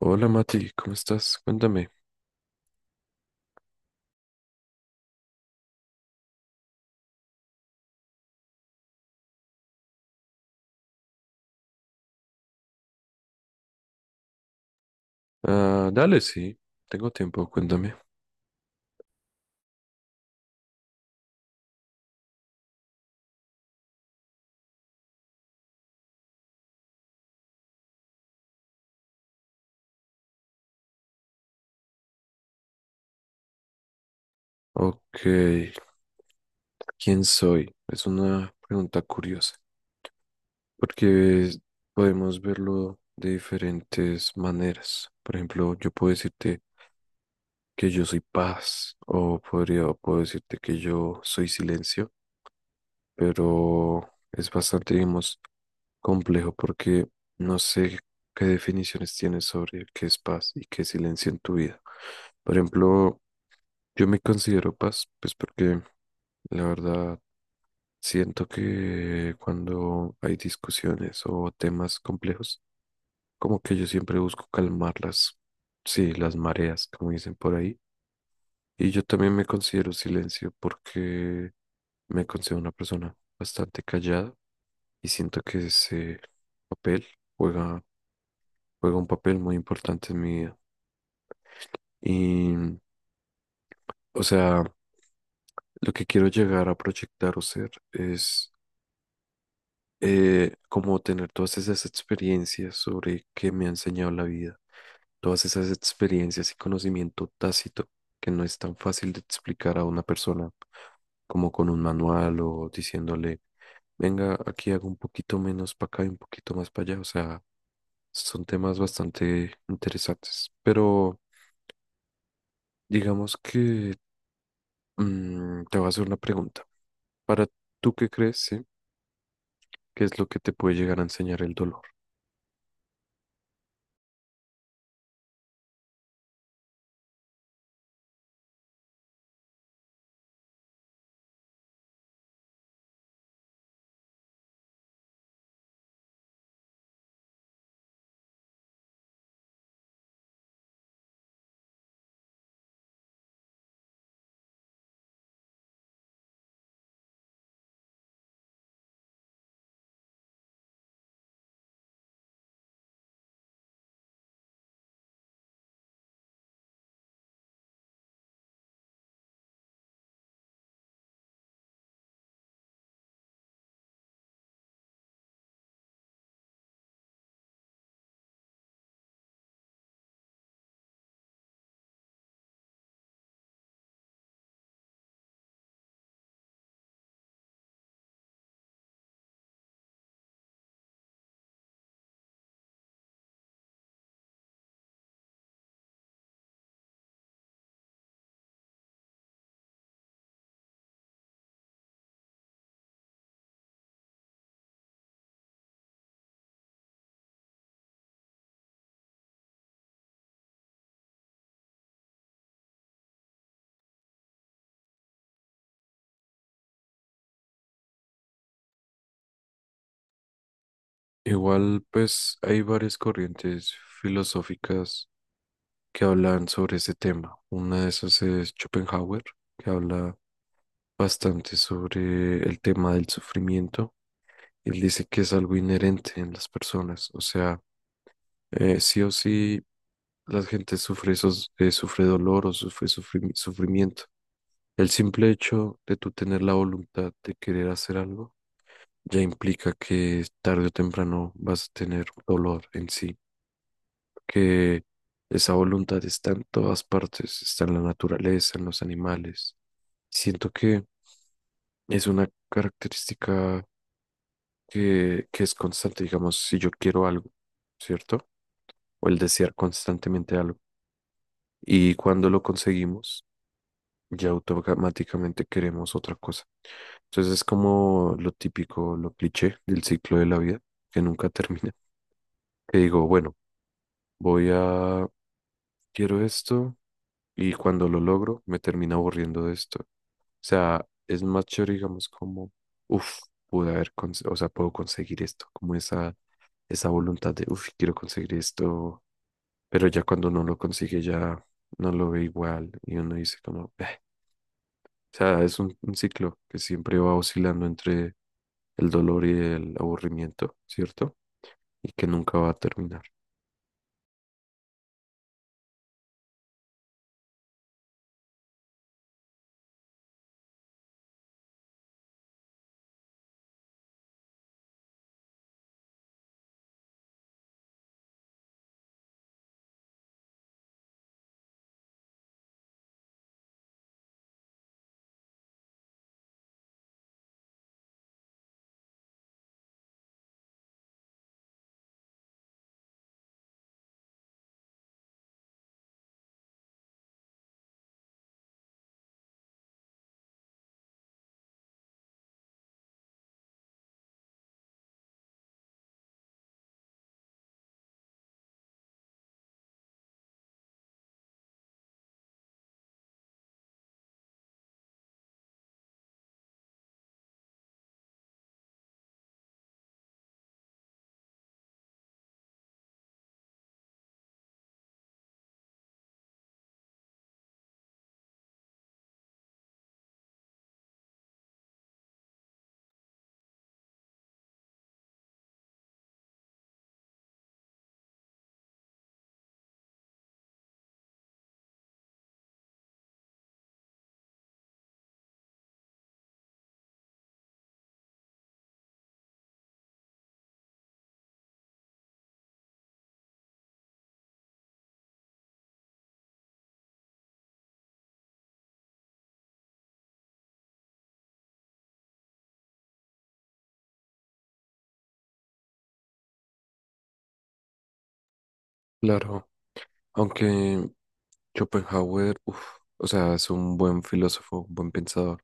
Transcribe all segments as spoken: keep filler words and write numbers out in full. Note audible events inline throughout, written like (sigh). Hola Mati, ¿cómo estás? Cuéntame. Ah, dale, sí, tengo tiempo, cuéntame. Ok, ¿quién soy? Es una pregunta curiosa, porque podemos verlo de diferentes maneras. Por ejemplo, yo puedo decirte que yo soy paz, o podría, o puedo decirte que yo soy silencio, pero es bastante, digamos, complejo porque no sé qué definiciones tienes sobre qué es paz y qué es silencio en tu vida. Por ejemplo, Yo me considero paz, pues porque la verdad siento que cuando hay discusiones o temas complejos, como que yo siempre busco calmarlas, sí, las mareas, como dicen por ahí. Y yo también me considero silencio porque me considero una persona bastante callada y siento que ese papel juega, juega un papel muy importante en mi vida. Y, o sea, lo que quiero llegar a proyectar o ser es eh, como tener todas esas experiencias sobre qué me ha enseñado la vida, todas esas experiencias y conocimiento tácito que no es tan fácil de explicar a una persona como con un manual o diciéndole, venga, aquí hago un poquito menos para acá y un poquito más para allá. O sea, son temas bastante interesantes. Pero digamos que mm, te voy a hacer una pregunta. ¿Para tú qué crees, sí? ¿Qué es lo que te puede llegar a enseñar el dolor? Igual, pues hay varias corrientes filosóficas que hablan sobre ese tema. Una de esas es Schopenhauer, que habla bastante sobre el tema del sufrimiento. Él dice que es algo inherente en las personas, o sea, eh, sí o sí la gente sufre, esos, eh, sufre dolor o sufre sufrimi- sufrimiento. El simple hecho de tú tener la voluntad de querer hacer algo ya implica que tarde o temprano vas a tener dolor en sí. Que esa voluntad está en todas partes, está en la naturaleza, en los animales. Siento que es una característica que, que es constante, digamos, si yo quiero algo, ¿cierto? O el desear constantemente algo. Y cuando lo conseguimos, ya automáticamente queremos otra cosa. Entonces es como lo típico, lo cliché del ciclo de la vida, que nunca (laughs) termina. Que digo, bueno, voy a, quiero esto y cuando lo logro me termina aburriendo de esto. O sea, es más chévere, digamos, como, uff, pude haber, cons- o sea, puedo conseguir esto, como esa, esa voluntad de, uff, quiero conseguir esto, pero ya cuando uno lo consigue ya no lo ve igual y uno dice como, "Eh". O sea, es un, un ciclo que siempre va oscilando entre el dolor y el aburrimiento, ¿cierto? Y que nunca va a terminar. Claro, aunque Schopenhauer, uff, o sea, es un buen filósofo, un buen pensador.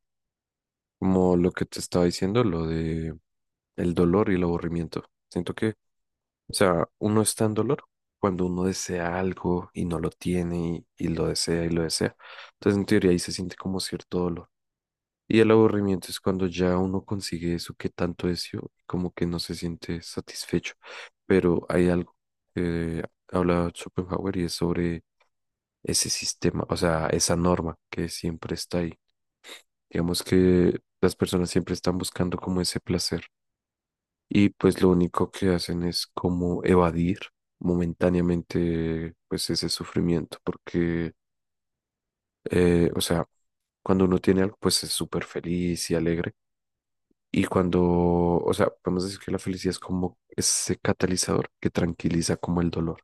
Como lo que te estaba diciendo, lo de el dolor y el aburrimiento. Siento que, o sea, uno está en dolor cuando uno desea algo y no lo tiene y, y lo desea y lo desea. Entonces, en teoría, ahí se siente como cierto dolor. Y el aburrimiento es cuando ya uno consigue eso que tanto deseó, como que no se siente satisfecho. Pero hay algo que habla Schopenhauer y es sobre ese sistema, o sea, esa norma que siempre está ahí. Digamos que las personas siempre están buscando como ese placer y pues lo único que hacen es como evadir momentáneamente pues ese sufrimiento porque, eh, o sea, cuando uno tiene algo pues es súper feliz y alegre y cuando, o sea, podemos decir que la felicidad es como ese catalizador que tranquiliza como el dolor,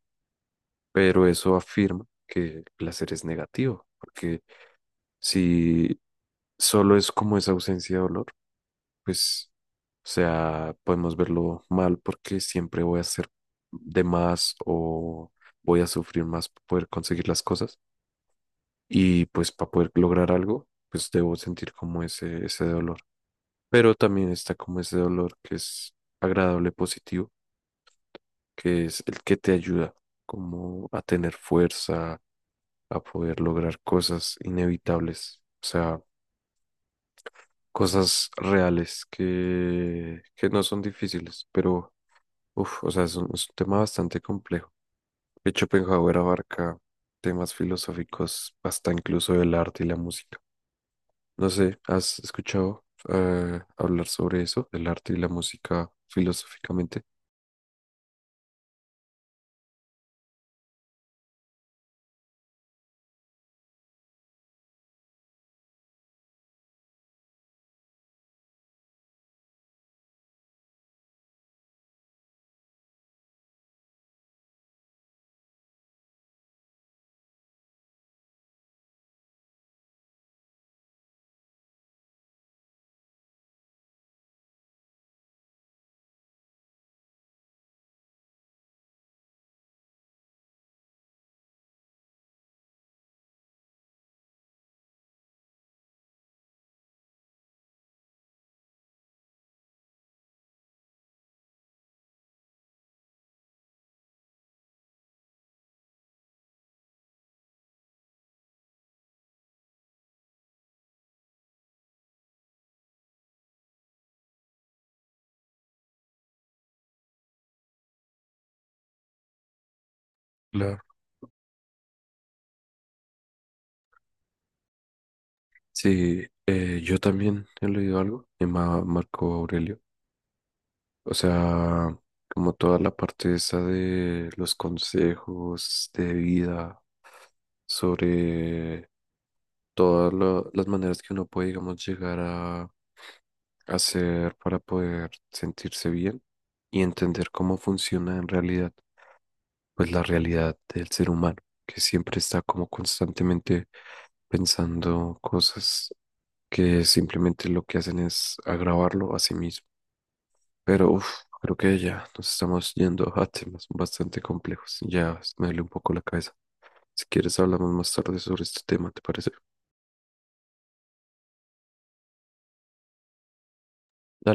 pero eso afirma que el placer es negativo porque si solo es como esa ausencia de dolor, pues, o sea, podemos verlo mal porque siempre voy a hacer de más o voy a sufrir más para poder conseguir las cosas. Y pues para poder lograr algo, pues debo sentir como ese, ese dolor. Pero también está como ese dolor que es agradable, positivo, que es el que te ayuda como a tener fuerza, a poder lograr cosas inevitables, o sea, cosas reales que, que no son difíciles, pero uf, o sea, es un, es un tema bastante complejo. De hecho, Schopenhauer abarca temas filosóficos hasta incluso del arte y la música. No sé, ¿has escuchado eh, hablar sobre eso, del arte y la música filosóficamente? Claro. Sí, eh, yo también he leído algo de Ma- Marco Aurelio. O sea, como toda la parte esa de los consejos de vida sobre todas lo- las maneras que uno puede, digamos, llegar a hacer para poder sentirse bien y entender cómo funciona en realidad, pues la realidad del ser humano, que siempre está como constantemente pensando cosas que simplemente lo que hacen es agravarlo a sí mismo. Pero uf, creo que ya nos estamos yendo a temas bastante complejos. Ya me duele un poco la cabeza. Si quieres, hablamos más tarde sobre este tema, ¿te parece? Dale.